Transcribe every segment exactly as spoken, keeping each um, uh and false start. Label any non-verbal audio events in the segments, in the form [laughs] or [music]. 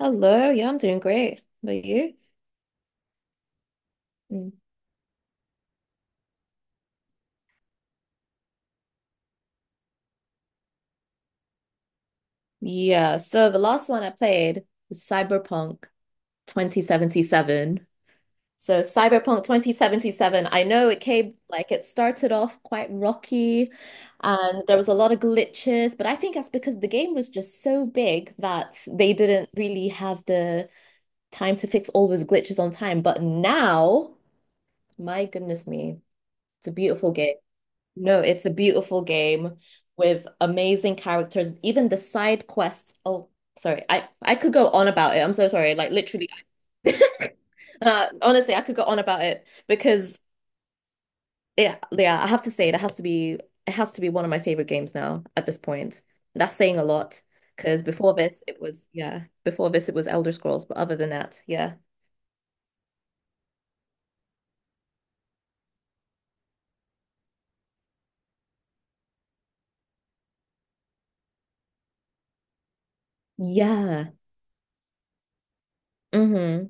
Hello, yeah, I'm doing great. But you? Mm. Yeah, so the last one I played was Cyberpunk twenty seventy-seven. So Cyberpunk twenty seventy-seven, I know it came like it started off quite rocky and there was a lot of glitches, but I think that's because the game was just so big that they didn't really have the time to fix all those glitches on time. But now, my goodness me, it's a beautiful game. No, it's a beautiful game with amazing characters. Even the side quests. Oh, sorry. I I could go on about it. I'm so sorry. Like literally, [laughs] uh, honestly, I could go on about it because yeah, yeah. I have to say it has to be it has to be one of my favorite games now at this point. That's saying a lot because before this it was yeah. Before this it was Elder Scrolls, but other than that, yeah, yeah. Mm-hmm.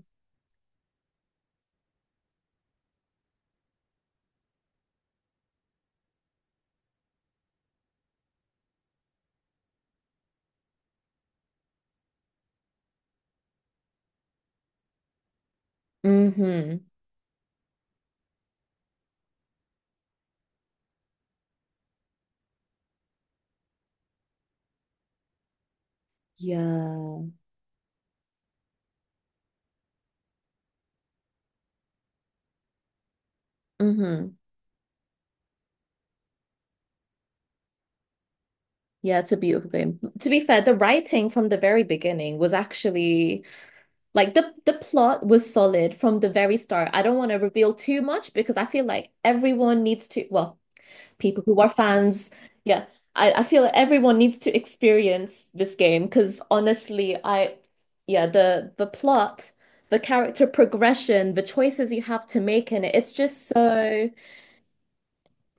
Mm-hmm. Yeah. Mm-hmm. Yeah, it's a beautiful game. To be fair, the writing from the very beginning was actually like the the plot was solid from the very start. I don't want to reveal too much because I feel like everyone needs to, well, people who are fans, yeah. I, I feel like everyone needs to experience this game because honestly, I yeah, the the plot, the character progression, the choices you have to make in it, it's just so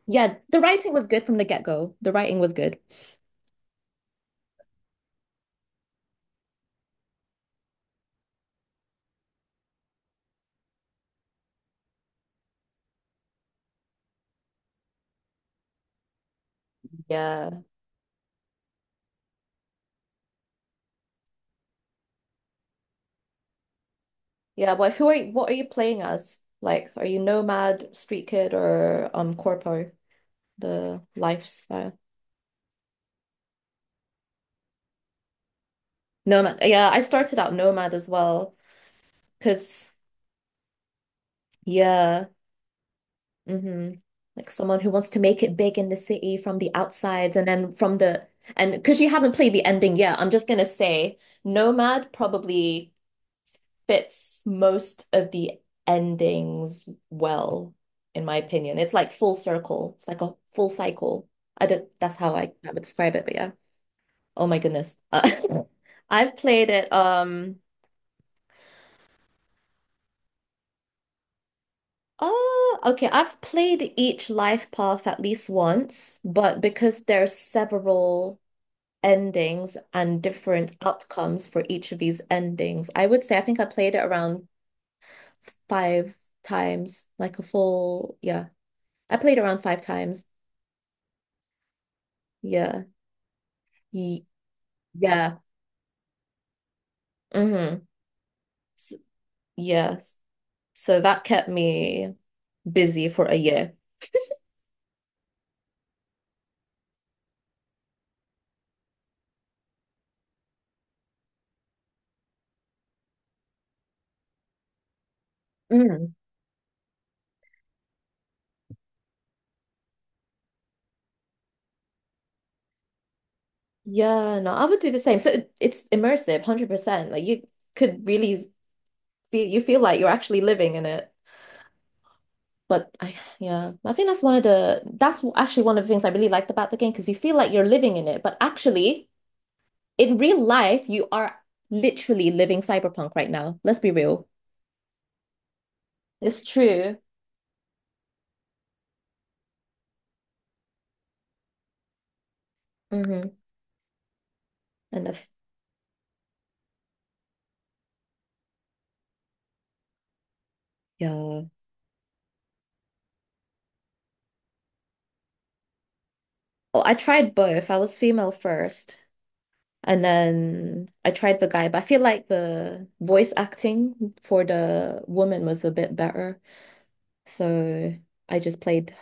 yeah, the writing was good from the get-go. The writing was good. Yeah. Yeah, but who are you, what are you playing as? Like, are you Nomad, Street Kid, or um Corpo, the lifestyle? Nomad. Yeah, I started out Nomad as well, because yeah, mm-hmm. Like someone who wants to make it big in the city from the outsides and then from the and because you haven't played the ending yet, I'm just gonna say Nomad probably fits most of the endings well, in my opinion. It's like full circle. It's like a full cycle. I don't, that's how I, I would describe it, but yeah. Oh my goodness. Uh, [laughs] I've played it um oh okay, I've played each life path at least once, but because there's several endings and different outcomes for each of these endings, I would say I think I played it around five times, like a full yeah. I played around five times. Yeah. Ye- yeah. Mm-hmm. S yes. So that kept me busy for a year. Mm. Yeah, no, I would do the same. So it, it's immersive, one hundred percent. Like you could really feel you feel like you're actually living in it. But I yeah, I think that's one of the that's actually one of the things I really liked about the game because you feel like you're living in it, but actually in real life you are literally living cyberpunk right now. Let's be real. It's true. Mm-hmm. And if, yeah. Oh, I tried both. I was female first, and then I tried the guy, but I feel like the voice acting for the woman was a bit better. So I just played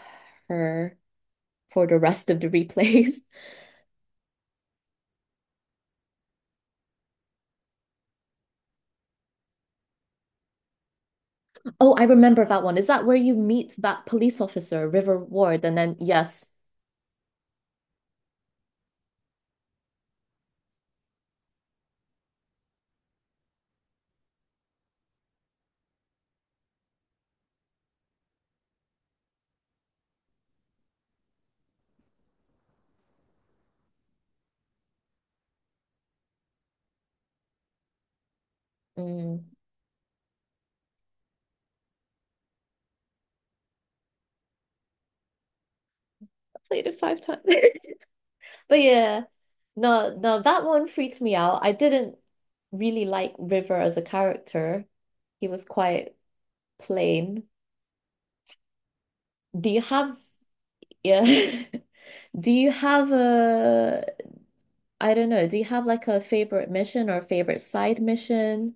her for the rest of the replays. [laughs] Oh, I remember that one. Is that where you meet that police officer, River Ward? And then, yes, mm, I played it five times. [laughs] But yeah, no, no, that one freaked me out. I didn't really like River as a character, he was quite plain. Do you have yeah? [laughs] Do you have a I don't know, do you have like a favorite mission or favorite side mission?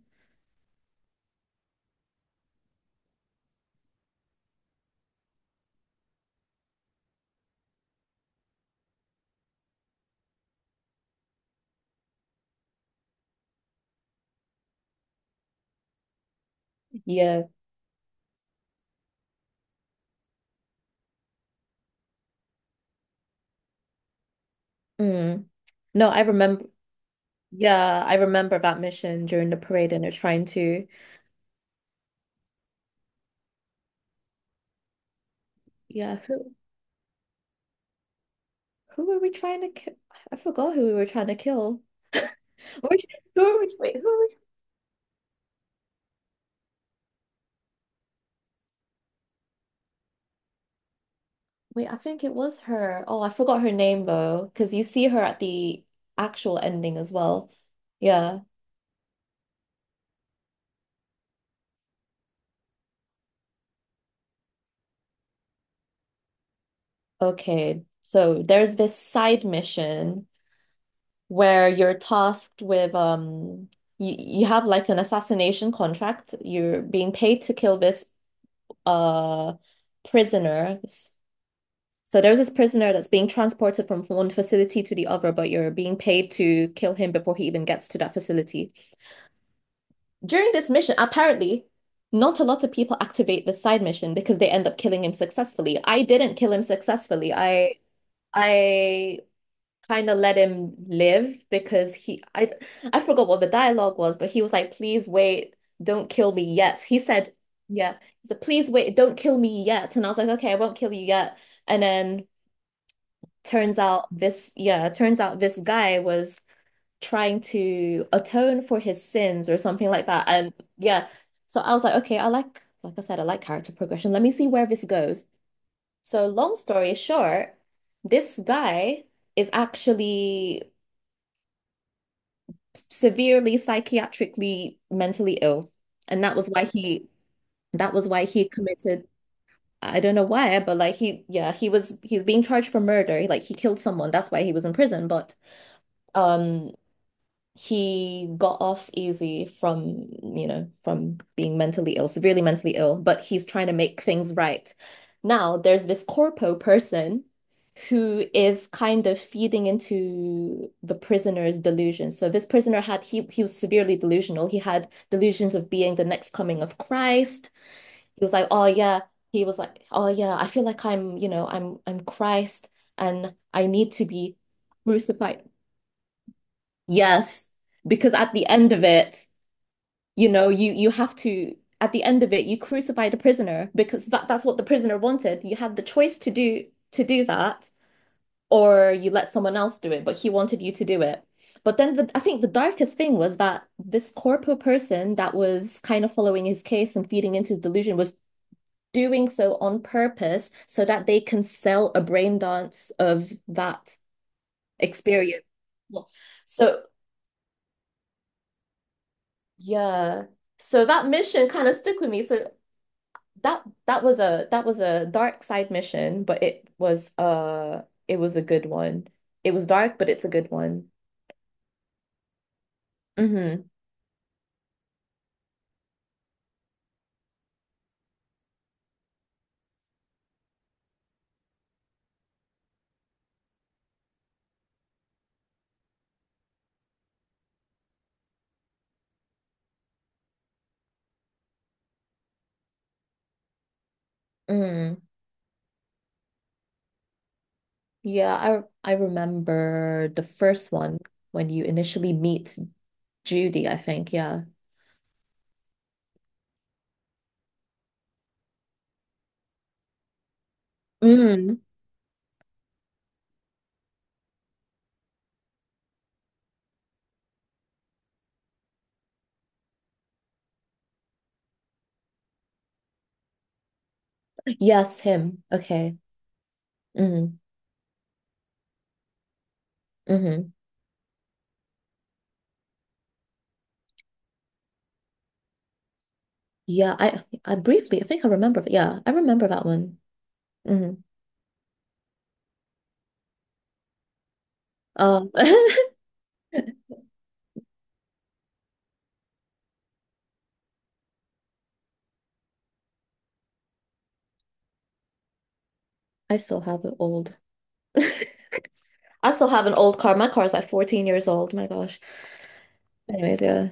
Yeah. Mm. No, I remember yeah, I remember that mission during the parade and they're trying to yeah, who who were we trying to kill? I forgot who we were trying to kill. Which, who were we, wait, who were we, wait, I think it was her. Oh, I forgot her name though, because you see her at the actual ending as well. Yeah. Okay. So there's this side mission where you're tasked with um you, you have like an assassination contract. You're being paid to kill this uh prisoner. So there's this prisoner that's being transported from one facility to the other, but you're being paid to kill him before he even gets to that facility. During this mission, apparently, not a lot of people activate the side mission because they end up killing him successfully. I didn't kill him successfully. I I kind of let him live because he I I forgot what the dialogue was, but he was like, please wait, don't kill me yet. He said, yeah. He said, please wait, don't kill me yet. And I was like, okay, I won't kill you yet. And then turns out this, yeah, turns out this guy was trying to atone for his sins or something like that. And yeah, so I was like, okay, I like like I said, I like character progression. Let me see where this goes. So long story short, this guy is actually severely psychiatrically mentally ill. And that was why he that was why he committed I don't know why, but like he yeah, he was he's being charged for murder. Like he killed someone. That's why he was in prison. But um he got off easy from, you know, from being mentally ill, severely mentally ill, but he's trying to make things right. Now, there's this corpo person who is kind of feeding into the prisoner's delusions. So this prisoner had he he was severely delusional. He had delusions of being the next coming of Christ. He was like, "Oh yeah." He was like, "Oh yeah, I feel like I'm, you know, I'm I'm Christ and I need to be crucified." Yes, because at the end of it, you know, you you have to at the end of it, you crucify the prisoner because that, that's what the prisoner wanted. You had the choice to do to do that, or you let someone else do it, but he wanted you to do it. But then the, I think the darkest thing was that this corpo person that was kind of following his case and feeding into his delusion was doing so on purpose so that they can sell a brain dance of that experience. Well, so yeah. So that mission kind of stuck with me. So that that was a that was a dark side mission, but it was uh it was a good one. It was dark, but it's a good one. Mm-hmm. Mm. Yeah, I I remember the first one when you initially meet Judy, I think. Yeah. Mm. Yes, him. Okay. Mm. Hmm. Yeah, I I briefly I think I remember. Yeah, I remember that one. Mm. Um [laughs] I still have an old. [laughs] I still have an old car. My car's like fourteen years old. My gosh. Anyways, yeah.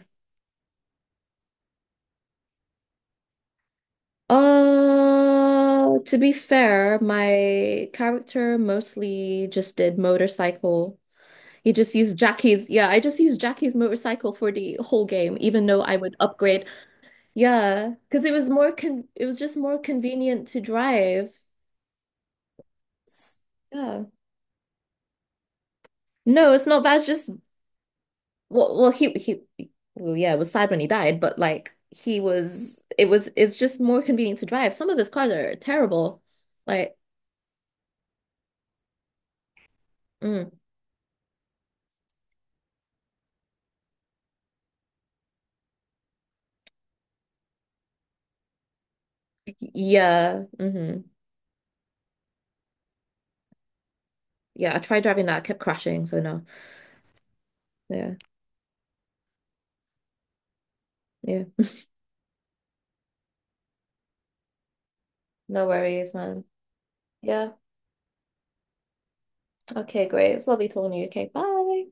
Uh, to be fair, my character mostly just did motorcycle. He just used Jackie's. Yeah, I just used Jackie's motorcycle for the whole game, even though I would upgrade yeah, because it was more con it was just more convenient to drive. S- Yeah. No, it's not bad. It's just well, well, he he, well, yeah, it was sad when he died, but like he was, it was, it's just more convenient to drive. Some of his cars are terrible. Like, mm, yeah, mm-hmm. Yeah, I tried driving that, I kept crashing, so no. Yeah, yeah. No worries, man. Yeah. Okay, great. It was lovely talking to you. Okay, bye.